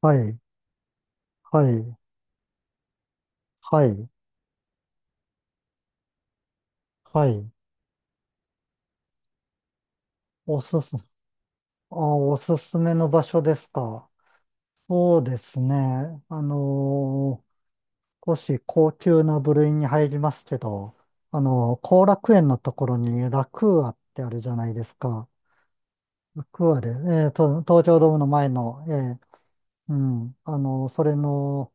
はい、はい、はい、はい。おすす、あ、おすすめの場所ですか？そうですね。あのー少し高級な部類に入りますけど、後楽園のところにラクーアってあるじゃないですか。ラクーアで、東京ドームの前の、ーうん、それの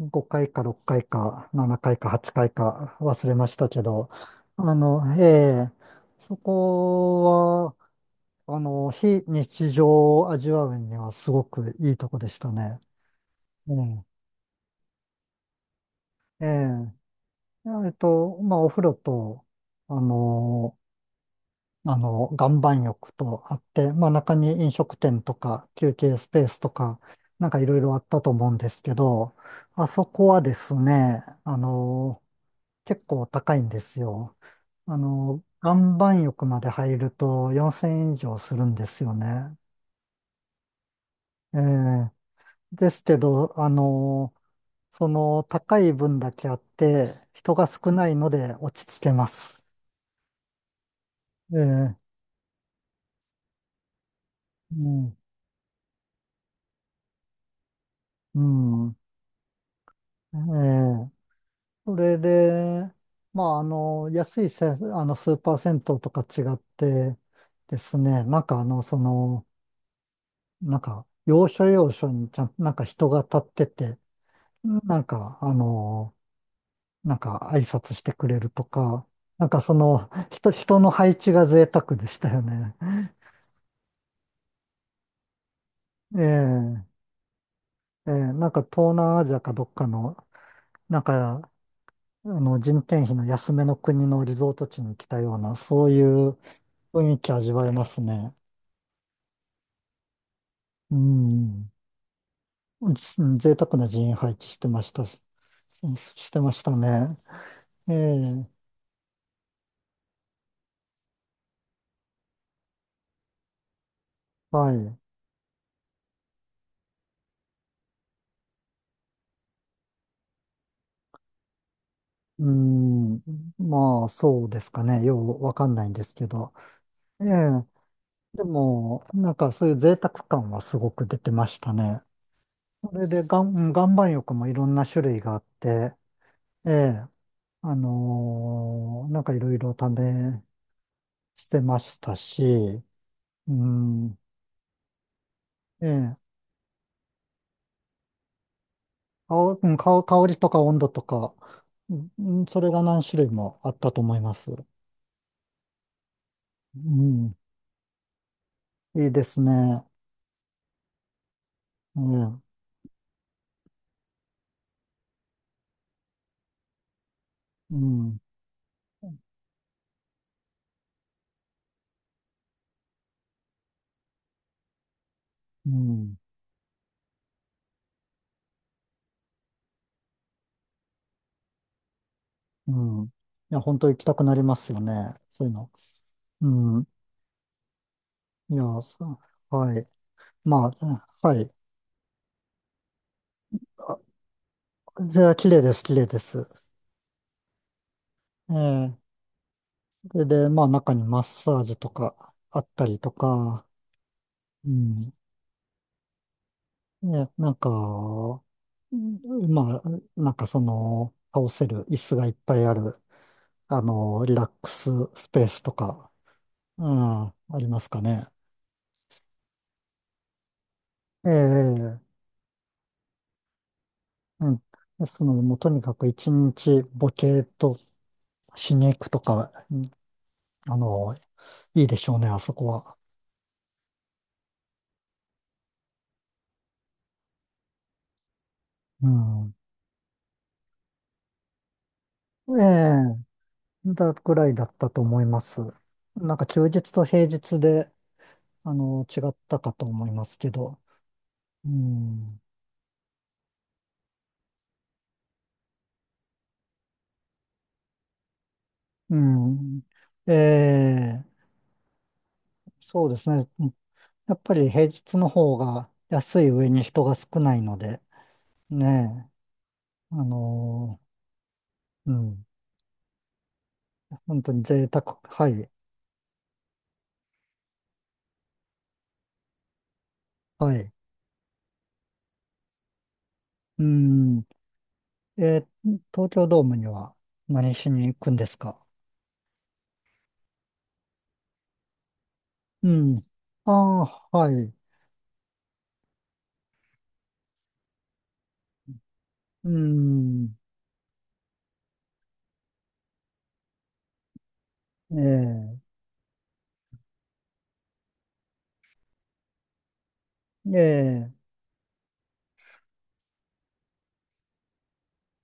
5階か6階か7階か8階かいか忘れましたけど、あの、えーそこ非日常を味わうにはすごくいいとこでしたね。うん。ええ。まあ、お風呂と、あの、岩盤浴とあって、まあ、中に飲食店とか休憩スペースとか、なんかいろいろあったと思うんですけど、あそこはですね、結構高いんですよ。岩盤浴まで入ると4000円以上するんですよね。ええ。ですけど、その高い分だけあって、人が少ないので落ち着けます。ええ、うん、うん、ええ。それで、まあ、あの、安いせ、あの、スーパー銭湯とか違ってですね、要所要所にちゃん、なんか人が立ってて、なんか、あの、挨拶してくれるとか、人の配置が贅沢でしたよね。ええ。なんか東南アジアかどっかの、なんか、人件費の安めの国のリゾート地に来たような、そういう雰囲気味わえますね。うん。じ贅沢な人員配置してましたし、してましたね。ええ、はい。うん。まあ、そうですかね。ようわかんないんですけど。ええ、でも、なんかそういう贅沢感はすごく出てましたね。それで、岩盤浴もいろんな種類があって、ええ、なんかいろいろ試してましたし、うん、ええ、香、うん、香りとか温度とか、うん、それが何種類もあったと思います。うん、いいですね。ええ、うん、うん、うん。いや、本当行きたくなりますよね。そういうの。うん、いや、そう、はい。まあ、はい。あ、じゃあ、綺麗です、綺麗です。ええ、それで、まあ、中にマッサージとかあったりとか、うん。ね、なんか、うん、まあ、倒せる椅子がいっぱいある、リラックススペースとか、うん、ありますかね。ええ、うん。ですので、もうとにかく一日ボケーっとしに行くとか、うん、あの、いいでしょうね、あそこは。うん。ええ、ぐらいだったと思います。なんか休日と平日で、違ったかと思いますけど、うん。うん。ええ、そうですね。やっぱり平日の方が安い上に人が少ないので、ねえ、うん、本当に贅沢。はい、はい。うん。えー東京ドームには何しに行くんですか？うん。ああ、はい。うん。ええ、ええ、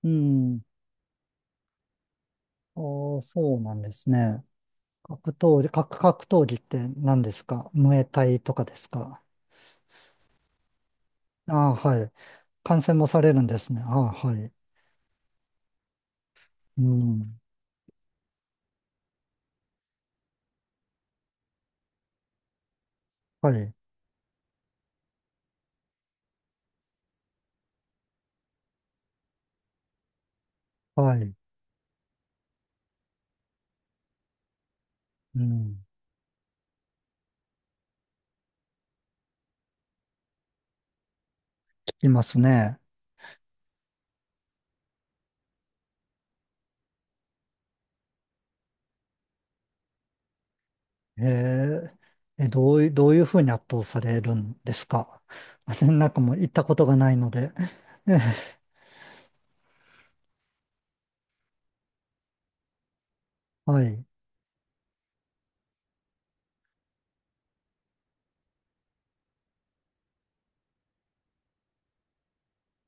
うん。ああ、そうなんですね。格闘技、格闘技って何ですか？ムエタイとかですか？ああ、はい。感染もされるんですね。ああ、はい。うん。はい。はい。うん。聞きますね。ええ、どういうふうに圧倒されるんですか？ なんかもう行ったことがないので。はい。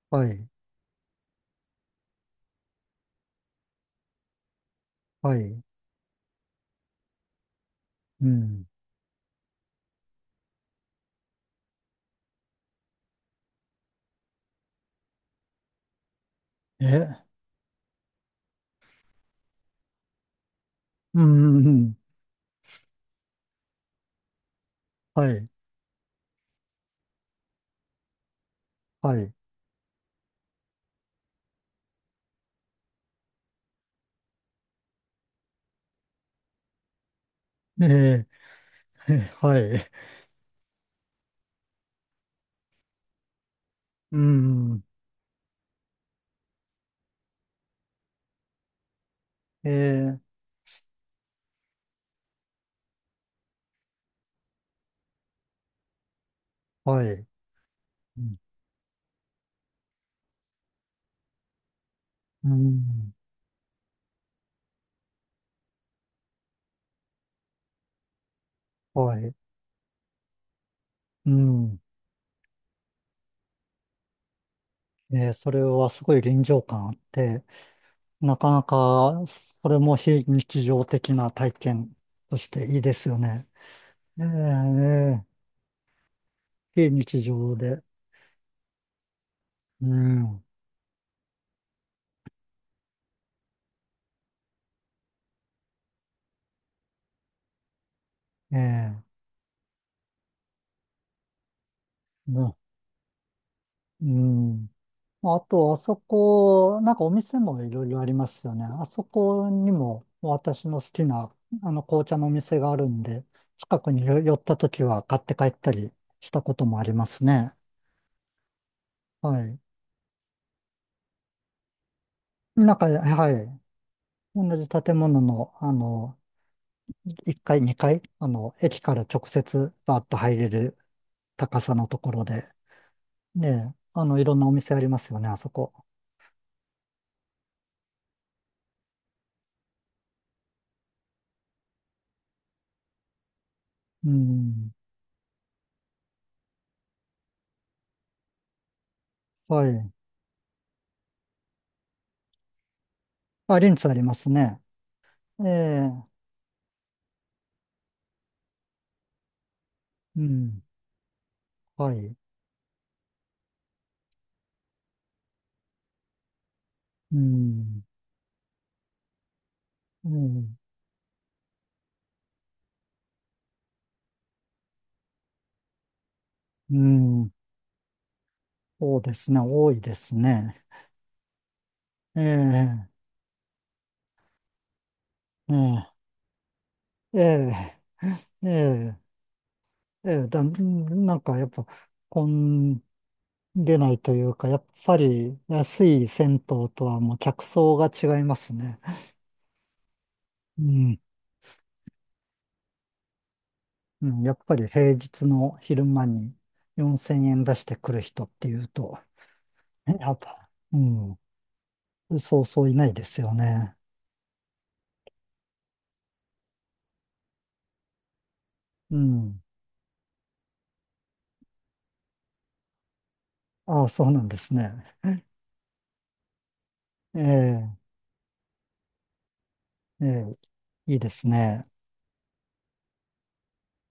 はい。はい。うん。え、うん。うん、はい。はい。ええ、はい。うん。ええ、はい。うん。うん、はい。うん。それはすごい臨場感あって、なかなか、それも非日常的な体験としていいですよね。ええ、ええ、非日常で。うん。ええ、うん。うん、あと、あそこ、なんかお店もいろいろありますよね。あそこにも私の好きな、紅茶のお店があるんで、近くに寄った時は買って帰ったりしたこともありますね。はい。なんか、はい。同じ建物の、1階、2階、駅から直接バーッと入れる高さのところで、ねえ、いろんなお店ありますよね、あそこ。うん、はい。あ、リンツありますね。ええ、うん、はい。うん、うん、うん、そうですね、多いですね。ええ、ええ、ええ、ええ、ええ、なんかやっぱ、混んでないというか、やっぱり安い銭湯とはもう客層が違いますね。うん、うん、やっぱり平日の昼間に4000円出してくる人っていうと、ね、やっぱ、うん、そうそういないですよね。うん。ああ、そうなんですね。ええ、ええ、いいですね。